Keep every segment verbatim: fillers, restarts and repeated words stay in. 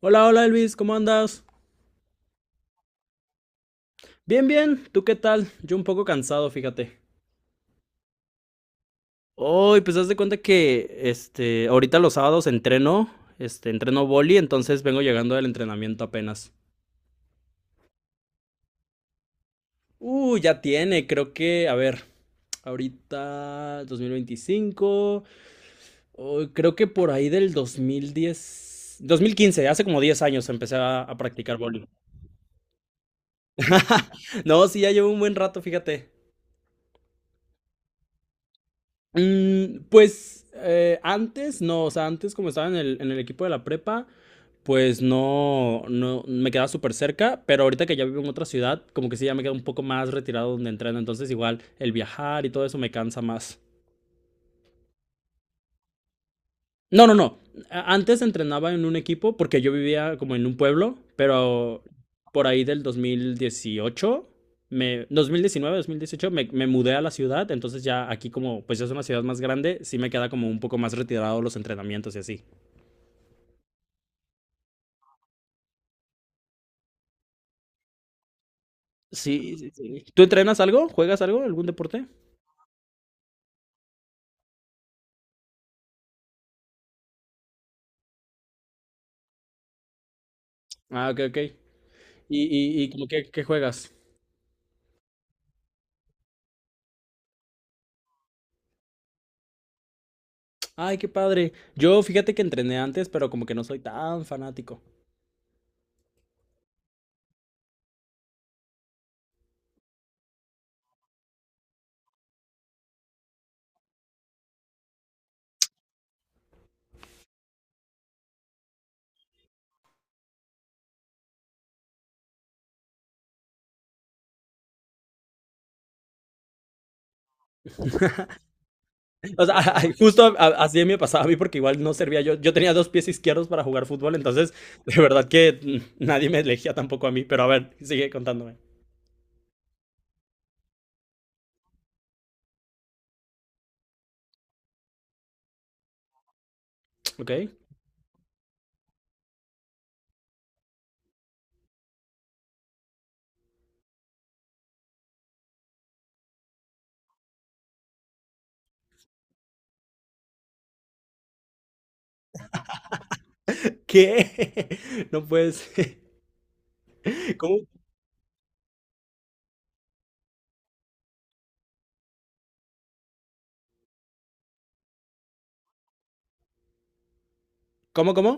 Hola, hola Elvis, ¿cómo andas? Bien, bien, ¿tú qué tal? Yo un poco cansado, fíjate. Hoy, pues haz de cuenta que, este, ahorita los sábados entreno, este, entreno boli, entonces vengo llegando del entrenamiento apenas. Uh, ya tiene, creo que, a ver, ahorita dos mil veinticinco. Oh, creo que por ahí del dos dos mil diez, dos mil quince, hace como diez años, empecé a, a practicar boli. No, sí, ya llevo un buen rato, fíjate. Mm, pues eh, antes, no, o sea, antes como estaba en el, en el equipo de la prepa, pues no, no me quedaba súper cerca, pero ahorita que ya vivo en otra ciudad, como que sí, ya me quedo un poco más retirado donde entreno, entonces igual el viajar y todo eso me cansa más. No, no, no. A- Antes entrenaba en un equipo porque yo vivía como en un pueblo, pero por ahí del dos mil dieciocho, me, dos mil diecinueve, dos mil dieciocho, me, me mudé a la ciudad, entonces ya aquí como, pues ya es una ciudad más grande, sí me queda como un poco más retirado los entrenamientos y así. Sí, sí, sí. ¿Tú entrenas algo? ¿Juegas algo? ¿Algún deporte? Ah, ok, ok. ¿Y, y, y como que, ¿qué juegas? Ay, qué padre. Yo fíjate que entrené antes, pero como que no soy tan fanático. O sea, a- a- justo a- así me pasaba a mí, porque igual no servía yo. Yo tenía dos pies izquierdos para jugar fútbol, entonces de verdad que mm, nadie me elegía tampoco a mí. Pero a ver, sigue contándome. ¿Ok? ¿Qué? No puedes. ¿Cómo? ¿Cómo? ¿Cómo?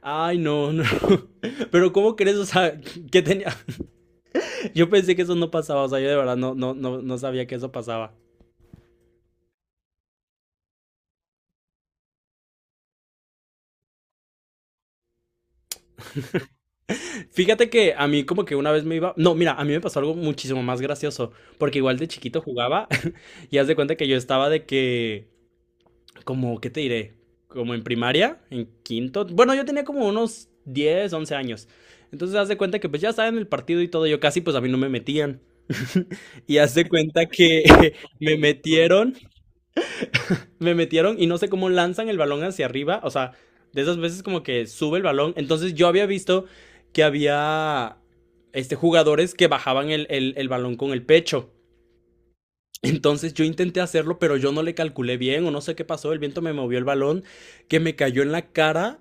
Ay, no, no. Pero ¿cómo crees? O sea, ¿qué tenía? Yo pensé que eso no pasaba, o sea, yo de verdad no, no, no, no sabía que eso pasaba. Fíjate que a mí como que una vez me iba. No, mira, a mí me pasó algo muchísimo más gracioso, porque igual de chiquito jugaba y haz de cuenta que yo estaba de que, como, ¿qué te diré? Como en primaria, en quinto. Bueno, yo tenía como unos diez once años. Entonces, haz de cuenta que pues ya estaba en el partido y todo, yo casi, pues, a mí no me metían. Y haz de cuenta que me metieron, me metieron y no sé cómo lanzan el balón hacia arriba, o sea, de esas veces como que sube el balón. Entonces, yo había visto que había este, jugadores que bajaban el, el- el balón con el pecho. Entonces yo intenté hacerlo, pero yo no le calculé bien o no sé qué pasó. El viento me movió el balón, que me cayó en la cara,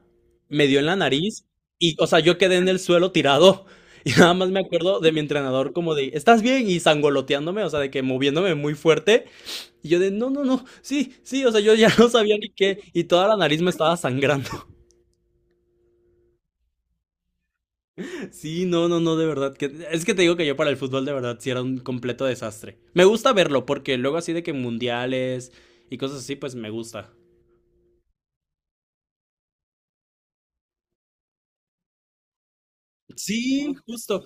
me dio en la nariz y, o sea, yo quedé en el suelo tirado. Y nada más me acuerdo de mi entrenador como de, ¿estás bien? Y zangoloteándome, o sea, de que moviéndome muy fuerte. Y yo de, no, no, no, sí, sí, o sea, yo ya no sabía ni qué. Y toda la nariz me estaba sangrando. Sí, no, no, no, de verdad. Que, es que te digo que yo para el fútbol de verdad sí era un completo desastre. Me gusta verlo porque luego, así de que mundiales y cosas así, pues me gusta. Sí, justo.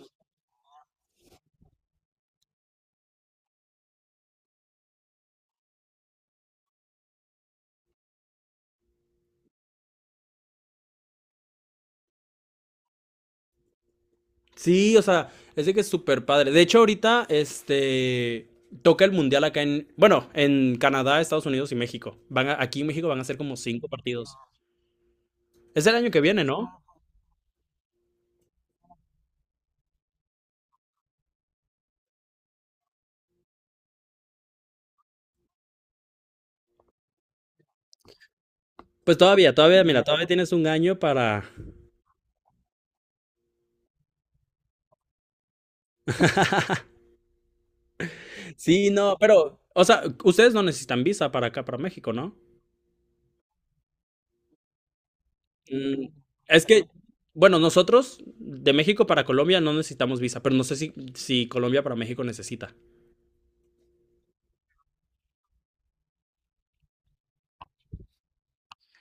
Sí, o sea, es de que es súper padre. De hecho, ahorita, este, toca el mundial acá en, bueno, en Canadá, Estados Unidos y México. Van a- aquí en México van a ser como cinco partidos. Es el año que viene, ¿no? Pues todavía, todavía, mira, todavía tienes un año para. Sí, no, pero, o sea, ustedes no necesitan visa para acá, para México, ¿no? Mm, es que, bueno, nosotros de México para Colombia no necesitamos visa, pero no sé si, si, Colombia para México necesita.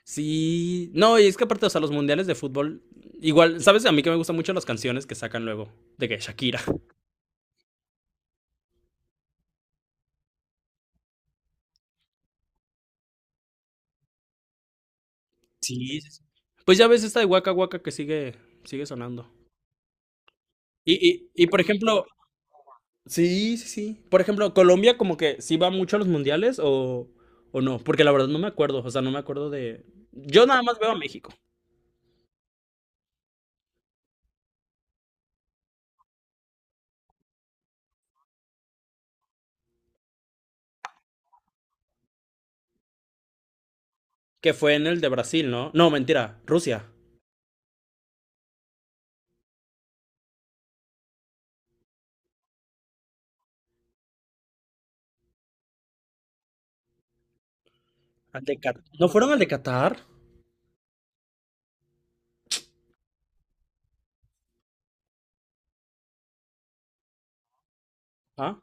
Sí, no, y es que aparte, o sea, los mundiales de fútbol, igual, ¿sabes? A mí que me gustan mucho las canciones que sacan luego, de que Shakira. Sí, sí, sí. Pues ya ves esta de Waka Waka, que sigue, sigue sonando. Y, y, y por ejemplo, sí, sí, sí. Por ejemplo, Colombia como que sí va mucho a los mundiales o, o no, porque la verdad no me acuerdo, o sea, no me acuerdo de. Yo nada más veo a México, que fue en el de Brasil, ¿no? No, mentira, Rusia. Al de Qatar. ¿No fueron al de Qatar? Ah,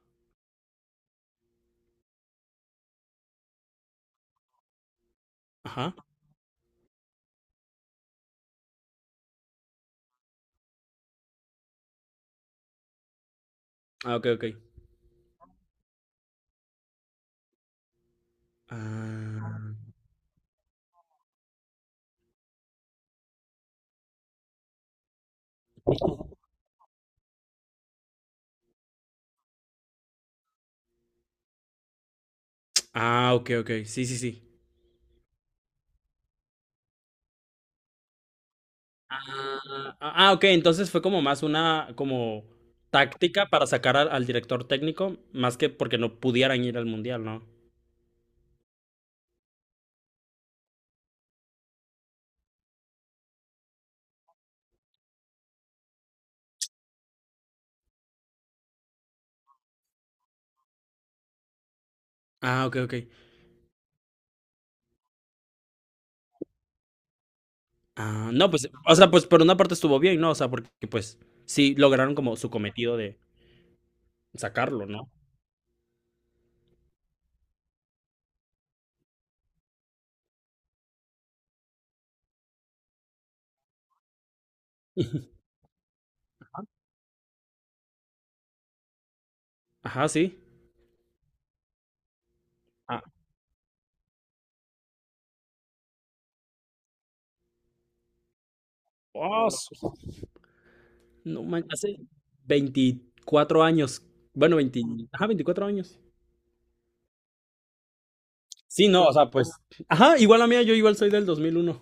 ajá. Ah, ok, ok. Ah. Ah, ok, ok. Sí, sí, sí. Ah, ah, ok. Entonces fue como más una como táctica para sacar al, al director técnico, más que porque no pudieran ir al mundial, ¿no? Ah, ok, ok. Ah, no, pues, o sea, pues por una parte estuvo bien, ¿no? O sea, porque pues sí lograron como su cometido de sacarlo, ¿no? Ajá, sí. Ah, oh, su- no manches, hace veinticuatro años. Bueno, veinte, ajá, veinticuatro años. Sí, no, o sea, pues. Ajá, igual a mí, yo igual soy del dos mil uno.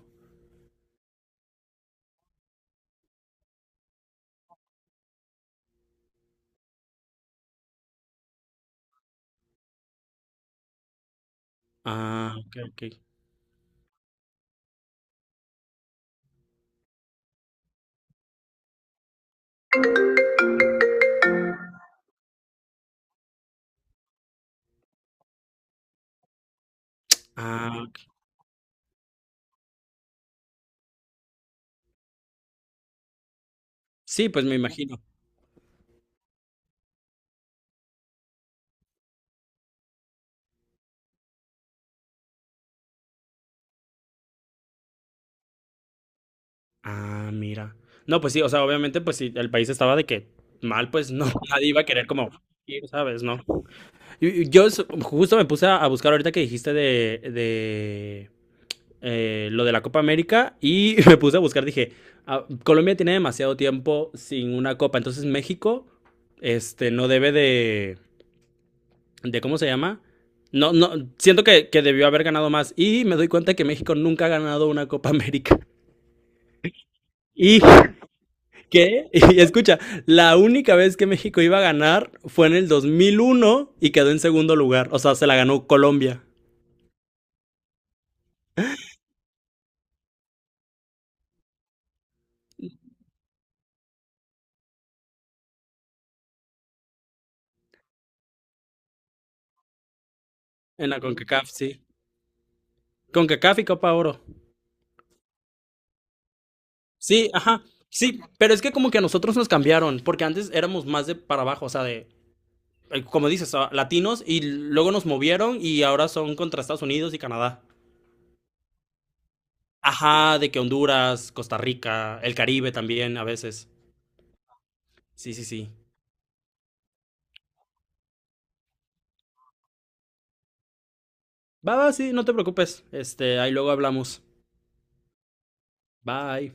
Ah, ok, ok. Ah, ok. Sí, pues me imagino. Ah, mira. No, pues sí, o sea, obviamente, pues si el país estaba de que mal, pues no, nadie iba a querer como ir, ¿sabes? No. Y- y Yo s- justo me puse a a buscar ahorita que dijiste de, de eh, lo de la Copa América, y me puse a buscar, dije, "Ah, Colombia tiene demasiado tiempo sin una copa, entonces México, este, no debe de, de ¿cómo se llama? No, no, siento que, que debió haber ganado más", y me doy cuenta que México nunca ha ganado una Copa América. Y que, y escucha, la única vez que México iba a ganar fue en el dos mil uno y quedó en segundo lugar. O sea, se la ganó Colombia en la CONCACAF, sí. CONCACAF y Copa Oro. Sí, ajá. Sí, pero es que como que a nosotros nos cambiaron, porque antes éramos más de para abajo, o sea, de, eh, como dices, a- latinos, y luego nos movieron y ahora son contra Estados Unidos y Canadá. Ajá, de que Honduras, Costa Rica, el Caribe también a veces. Sí, sí, sí. Va, va, sí, no te preocupes. Este, ahí luego hablamos. Bye.